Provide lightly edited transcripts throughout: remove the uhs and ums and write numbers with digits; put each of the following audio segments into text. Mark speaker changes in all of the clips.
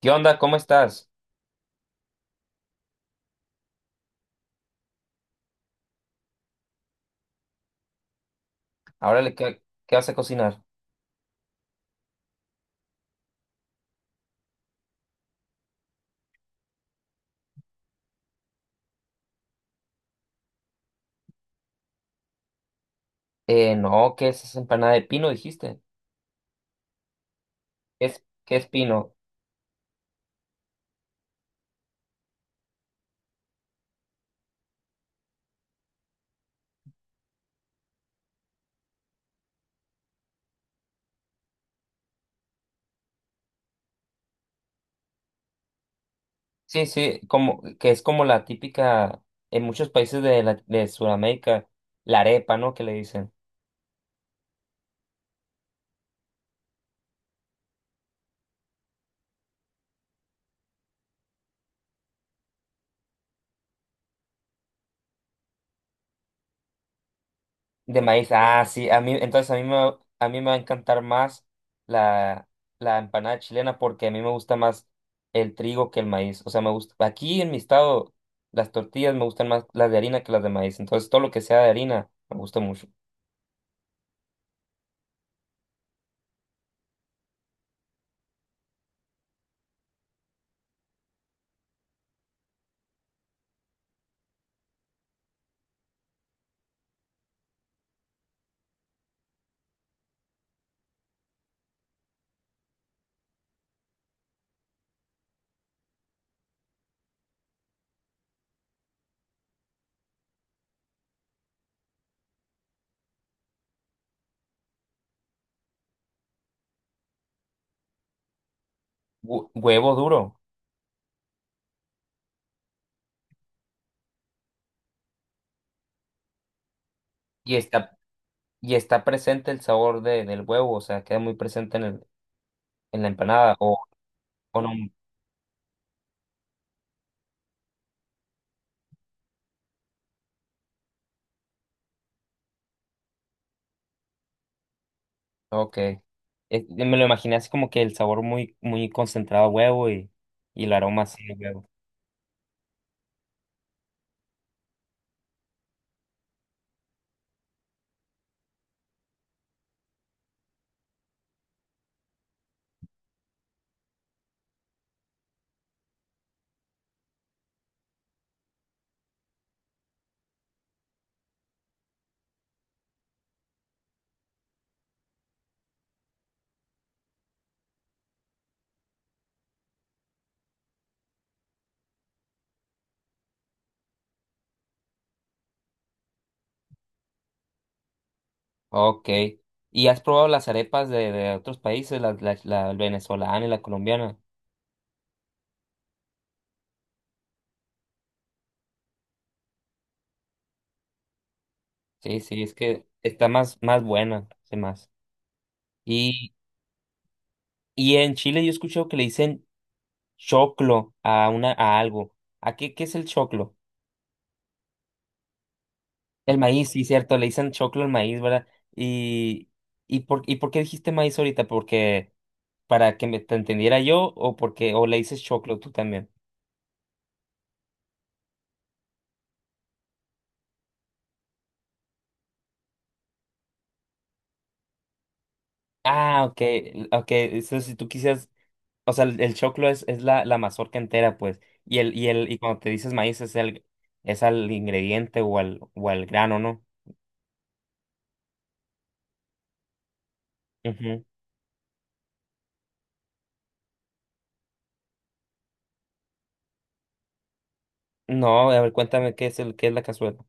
Speaker 1: ¿Qué onda? ¿Cómo estás? Ahora le qué, qué vas a cocinar? No, ¿qué es esa empanada de pino, dijiste? Qué es pino? Sí, como, que es como la típica en muchos países de Sudamérica, la arepa, ¿no? Que le dicen. De maíz. Ah, sí, a mí, entonces a mí me, va- a mí me va a encantar más la, la empanada chilena porque a mí me gusta más el trigo que el maíz. O sea, me gusta, aquí en mi estado, las tortillas me gustan más las de harina que las de maíz. Entonces, todo lo que sea de harina me gusta mucho. Huevo duro y está, y está presente el sabor del huevo, o sea, queda muy presente en la empanada o no. Ok. Me lo imaginé así como que el sabor muy, muy concentrado a huevo y el aroma así de huevo. Ok. ¿Y has probado las arepas de otros países, la venezolana y la colombiana? Sí, sí, es que está más, más buena, sí, más. Y, y en Chile yo he escuchado que le dicen choclo a una, a algo. ¿A qué, qué es el choclo? El maíz, sí, cierto, le dicen choclo al maíz, ¿verdad? Y, por, ¿y por qué dijiste maíz ahorita? ¿Porque para que me, te entendiera yo o porque o le dices choclo tú también? Ah, ok, ok, eso si tú quisieras, o sea, el choclo es, la mazorca entera, pues, y cuando te dices maíz es al ingrediente o al grano, ¿no? Ujú. No, a ver, cuéntame qué es el, qué es la cazuela.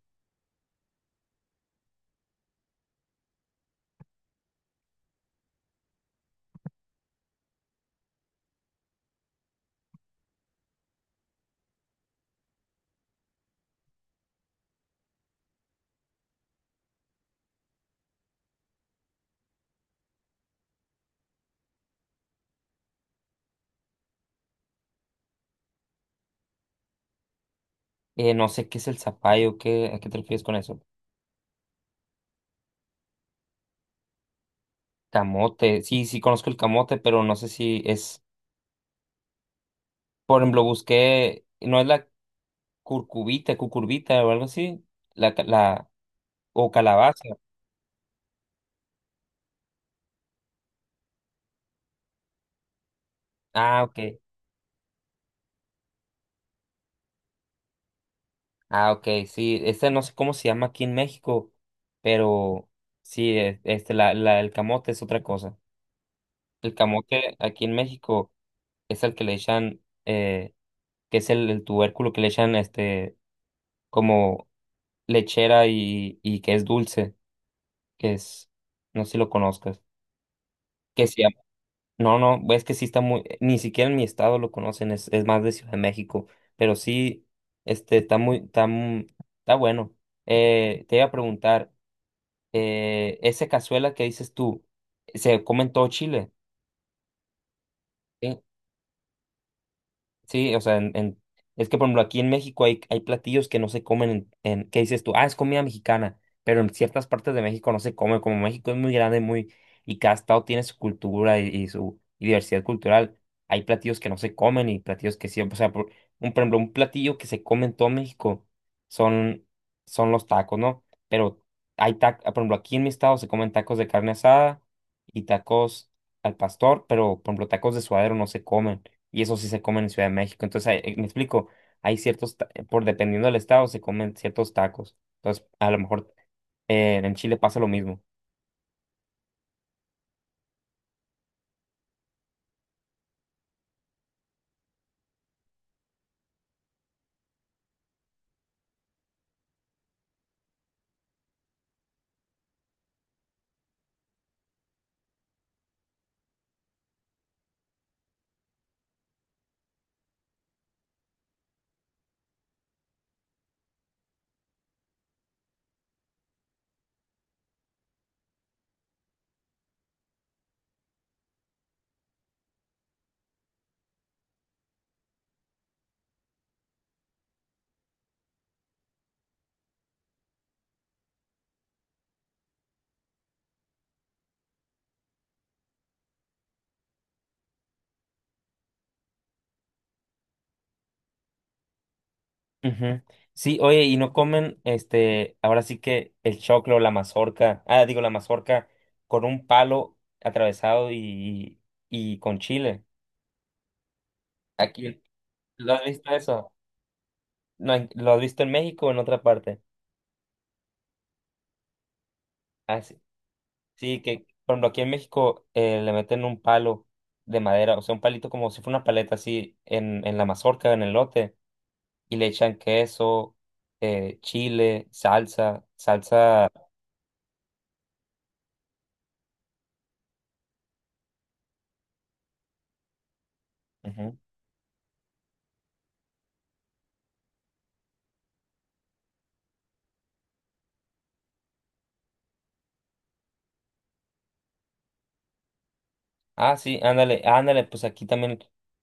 Speaker 1: No sé qué es el zapallo, qué, ¿a qué te refieres con eso? Camote, sí, sí conozco el camote, pero no sé si es. Por ejemplo, busqué, no es la curcubita, cucurbita o algo así, la, ca- la, o calabaza. Ah, ok. Ah, ok, sí, este no sé cómo se llama aquí en México, pero sí, este, el camote es otra cosa. El camote aquí en México es el que le echan, eh, que es el tubérculo que le echan, este, como lechera y que es dulce, que es, no sé si lo conozcas, que se llama. No, no, es que sí está muy, ni siquiera en mi estado lo conocen, es más de Ciudad de México, pero sí, este, está muy, está, está bueno. Te iba a preguntar, esa cazuela que dices tú, ¿se come en todo Chile? Sí, o sea, es que por ejemplo aquí en México hay, hay platillos que no se comen ¿qué dices tú? Ah, es comida mexicana, pero en ciertas partes de México no se come, como México es muy grande, muy, y cada estado tiene su cultura y su y diversidad cultural, hay platillos que no se comen y platillos que sí, o sea, por, un, por ejemplo, un platillo que se come en todo México son, son los tacos, ¿no? Pero hay tacos, por ejemplo, aquí en mi estado se comen tacos de carne asada y tacos al pastor, pero por ejemplo, tacos de suadero no se comen y eso sí se come en Ciudad de México. Entonces, hay- me explico, hay ciertos, por dependiendo del estado, se comen ciertos tacos. Entonces, a lo mejor en Chile pasa lo mismo. Ujú. Sí, oye, y no comen, este, ahora sí que el choclo, la mazorca, ah, digo, la mazorca con un palo atravesado y con chile. Aquí, ¿lo has visto eso? No, ¿lo has visto en México o en otra parte? Ah, sí. Sí, que por ejemplo aquí en México le meten un palo de madera, o sea, un palito como si fuera una paleta así en la mazorca, en el lote, y le echan queso, chile, salsa, salsa. Ujú. Ah, sí, ándale, ándale, pues aquí también,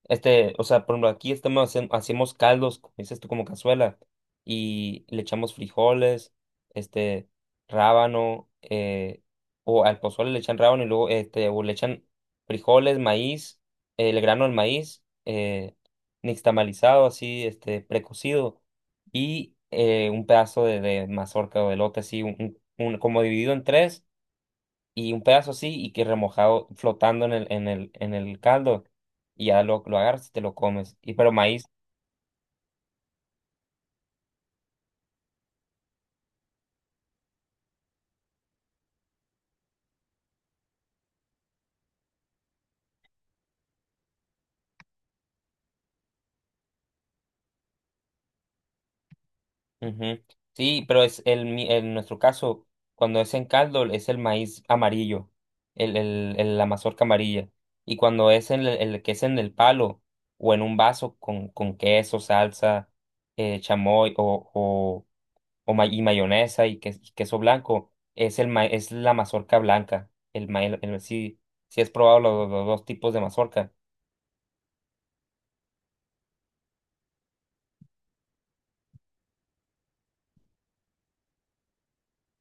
Speaker 1: este, o sea, por ejemplo, aquí estamos haciendo, hacemos caldos, como dices tú, como cazuela, y le echamos frijoles, este, rábano, o al pozole le echan rábano y luego, este, o le echan frijoles, maíz, el grano del maíz, nixtamalizado, así, este, precocido, y un pedazo de mazorca o de elote, así, como dividido en tres y un pedazo así y que remojado flotando en el caldo y ya lo agarras y te lo comes. Y pero maíz, ujú. Sí, pero es el, en nuestro caso, cuando es en caldo es el maíz amarillo, la mazorca amarilla. Y cuando es en el que es en el palo o en un vaso con queso, salsa, chamoy o, y mayonesa y, y queso blanco, es, es la mazorca blanca. El ma- el- Si, si has probado los dos tipos de mazorca.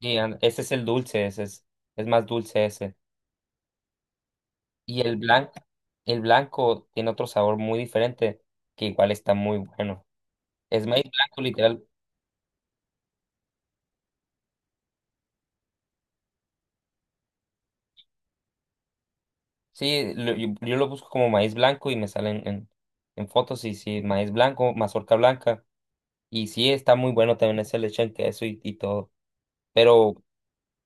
Speaker 1: Y ese es el dulce, ese es más dulce ese. Y el blanco tiene otro sabor muy diferente, que igual está muy bueno. Es maíz blanco, literal. Sí, yo lo busco como maíz blanco y me salen en fotos y sí, maíz blanco, mazorca blanca. Y sí, está muy bueno también ese leche en queso y todo. Pero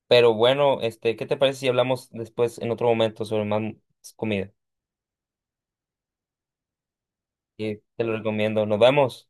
Speaker 1: Pero bueno, este, ¿qué te parece si hablamos después en otro momento sobre más comida? Y te lo recomiendo. Nos vemos.